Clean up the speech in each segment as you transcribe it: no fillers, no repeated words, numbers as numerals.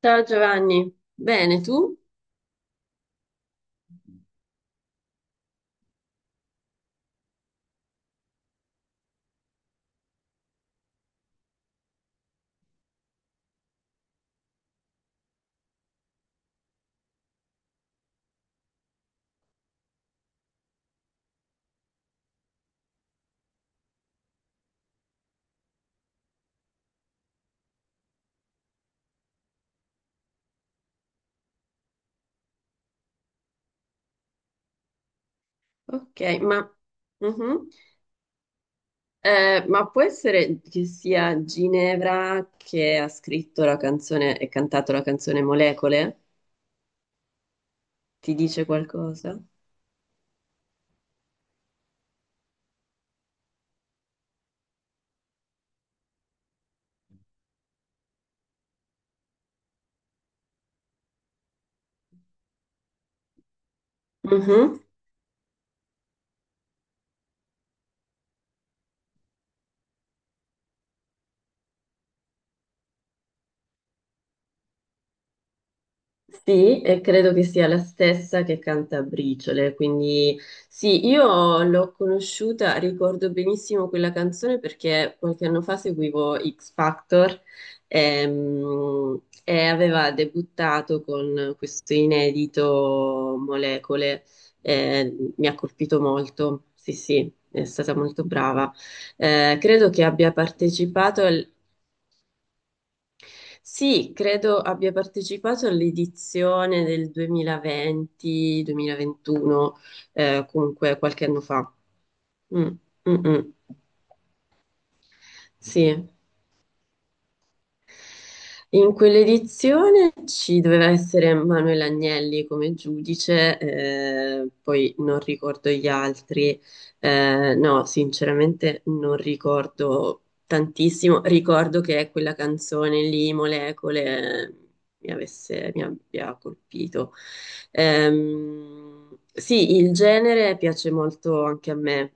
Ciao Giovanni, bene tu? Ok, ma, mhm. Ma può essere che sia Ginevra che ha scritto la canzone e cantato la canzone Molecole? Ti dice qualcosa? Mhm. Sì, e credo che sia la stessa che canta Briciole, quindi sì, io l'ho conosciuta, ricordo benissimo quella canzone perché qualche anno fa seguivo X Factor e aveva debuttato con questo inedito Molecole, mi ha colpito molto, sì sì, è stata molto brava. Credo che abbia partecipato al sì, credo abbia partecipato all'edizione del 2020-2021, comunque qualche anno fa. Mm, mm, mm. Sì. In quell'edizione ci doveva essere Manuel Agnelli come giudice, poi non ricordo gli altri. No, sinceramente non ricordo tantissimo, ricordo che quella canzone lì, Molecole, mi abbia colpito. Sì, il genere piace molto anche a me.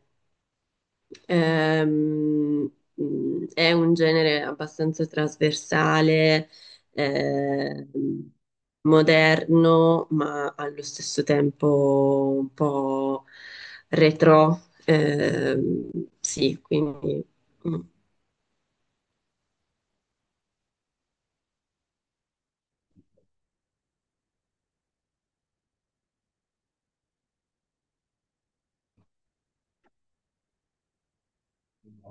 È un genere abbastanza trasversale, ehm, moderno, ma allo stesso tempo un po' retro. Sì, quindi mm,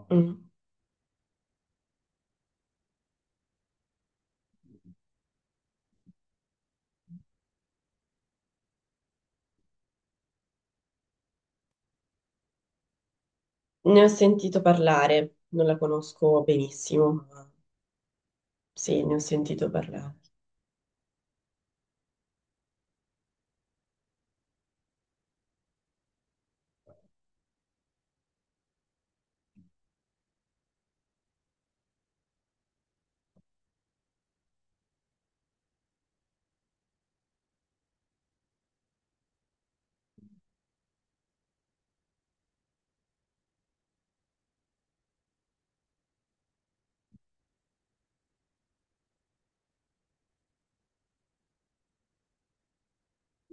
mm. Ne ho sentito parlare, non la conosco benissimo, ma sì, ne ho sentito parlare.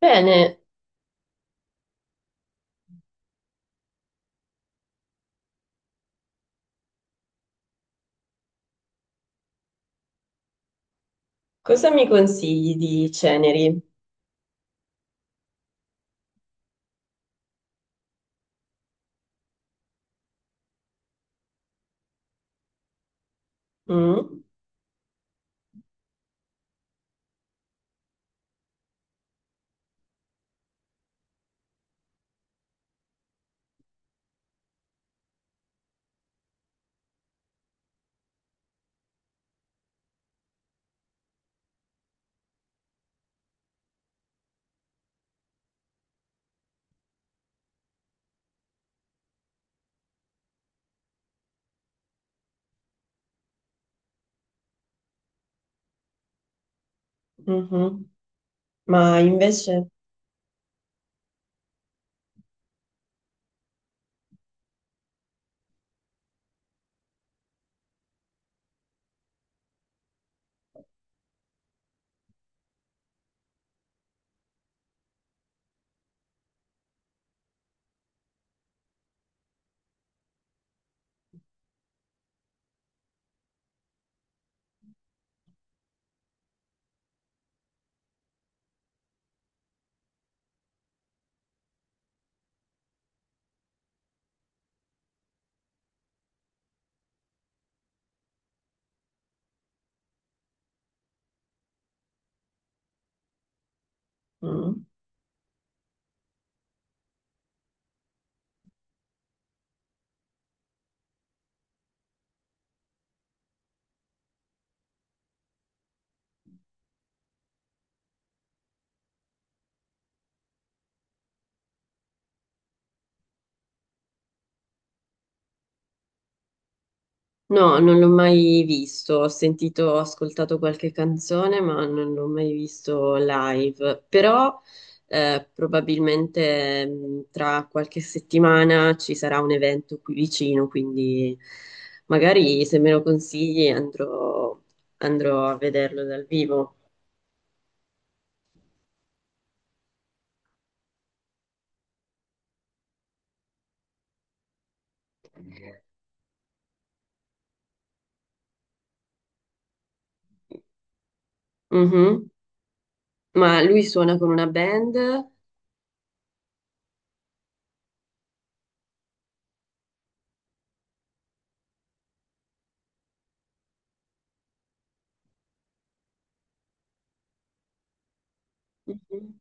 Bene, cosa mi consigli di Ceneri? Mm? Mhm. Ma invece... Mm. No, non l'ho mai visto, ho sentito, ho ascoltato qualche canzone, ma non l'ho mai visto live. Però probabilmente tra qualche settimana ci sarà un evento qui vicino, quindi magari se me lo consigli andrò a vederlo dal vivo. Mhm. Ma lui suona con una band? Mhm.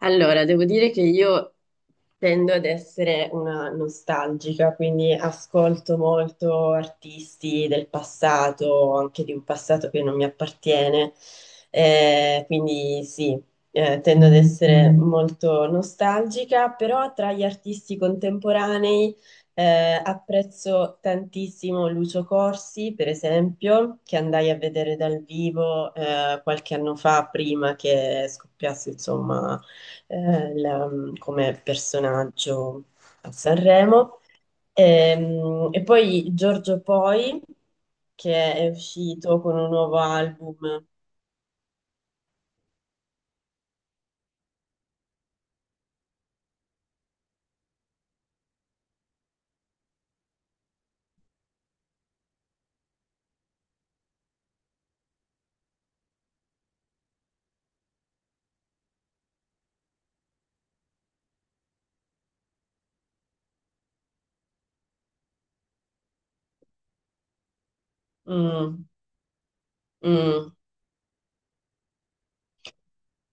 Allora, devo dire che io tendo ad essere una nostalgica, quindi ascolto molto artisti del passato, anche di un passato che non mi appartiene. Quindi sì, tendo ad essere molto nostalgica, però tra gli artisti contemporanei apprezzo tantissimo Lucio Corsi, per esempio, che andai a vedere dal vivo qualche anno fa, prima che scoppiasse, insomma eh, la- come personaggio a Sanremo. Poi Giorgio Poi, che è uscito con un nuovo album. Mm, mm.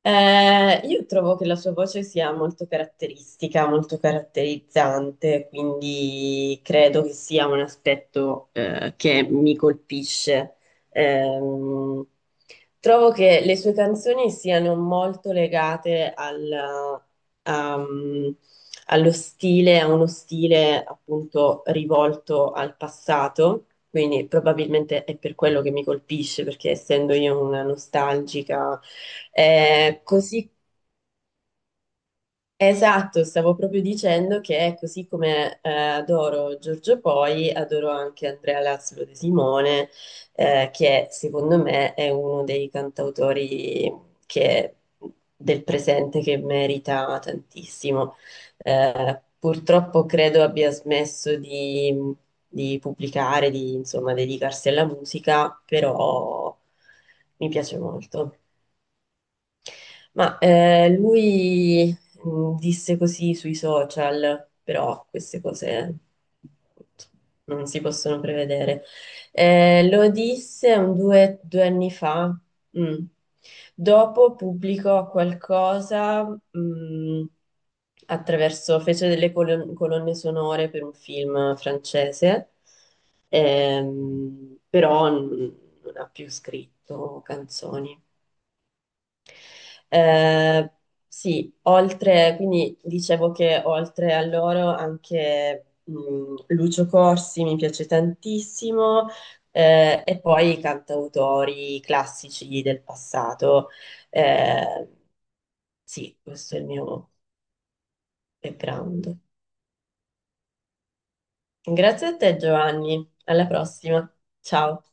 Io trovo che la sua voce sia molto caratteristica, molto caratterizzante, quindi credo che sia un aspetto che mi colpisce. Ehm, Trovo che le sue canzoni siano molto legate um, allo stile, a uno stile appunto rivolto al passato, quindi probabilmente è per quello che mi colpisce, perché essendo io una nostalgica, così Esatto, stavo proprio dicendo che così come adoro Giorgio Poi, adoro anche Andrea Lazzaro De Simone, che secondo me è uno dei che- del presente che merita tantissimo. Purtroppo credo abbia smesso di pubblicare, di insomma dedicarsi alla musica, però mi piace molto. Ma lui disse così sui social, però queste cose non si possono prevedere. Lo disse due anni fa. Mm. Dopo pubblicò qualcosa, mm, attraverso, fece delle colonne sonore per un film francese, però non ha più scritto canzoni. Eh, quindi dicevo che oltre a loro anche Lucio Corsi mi piace tantissimo, e poi i cantautori classici del passato. Eh, sì, questo è il mio background. Grazie a te, Giovanni. Alla prossima. Ciao.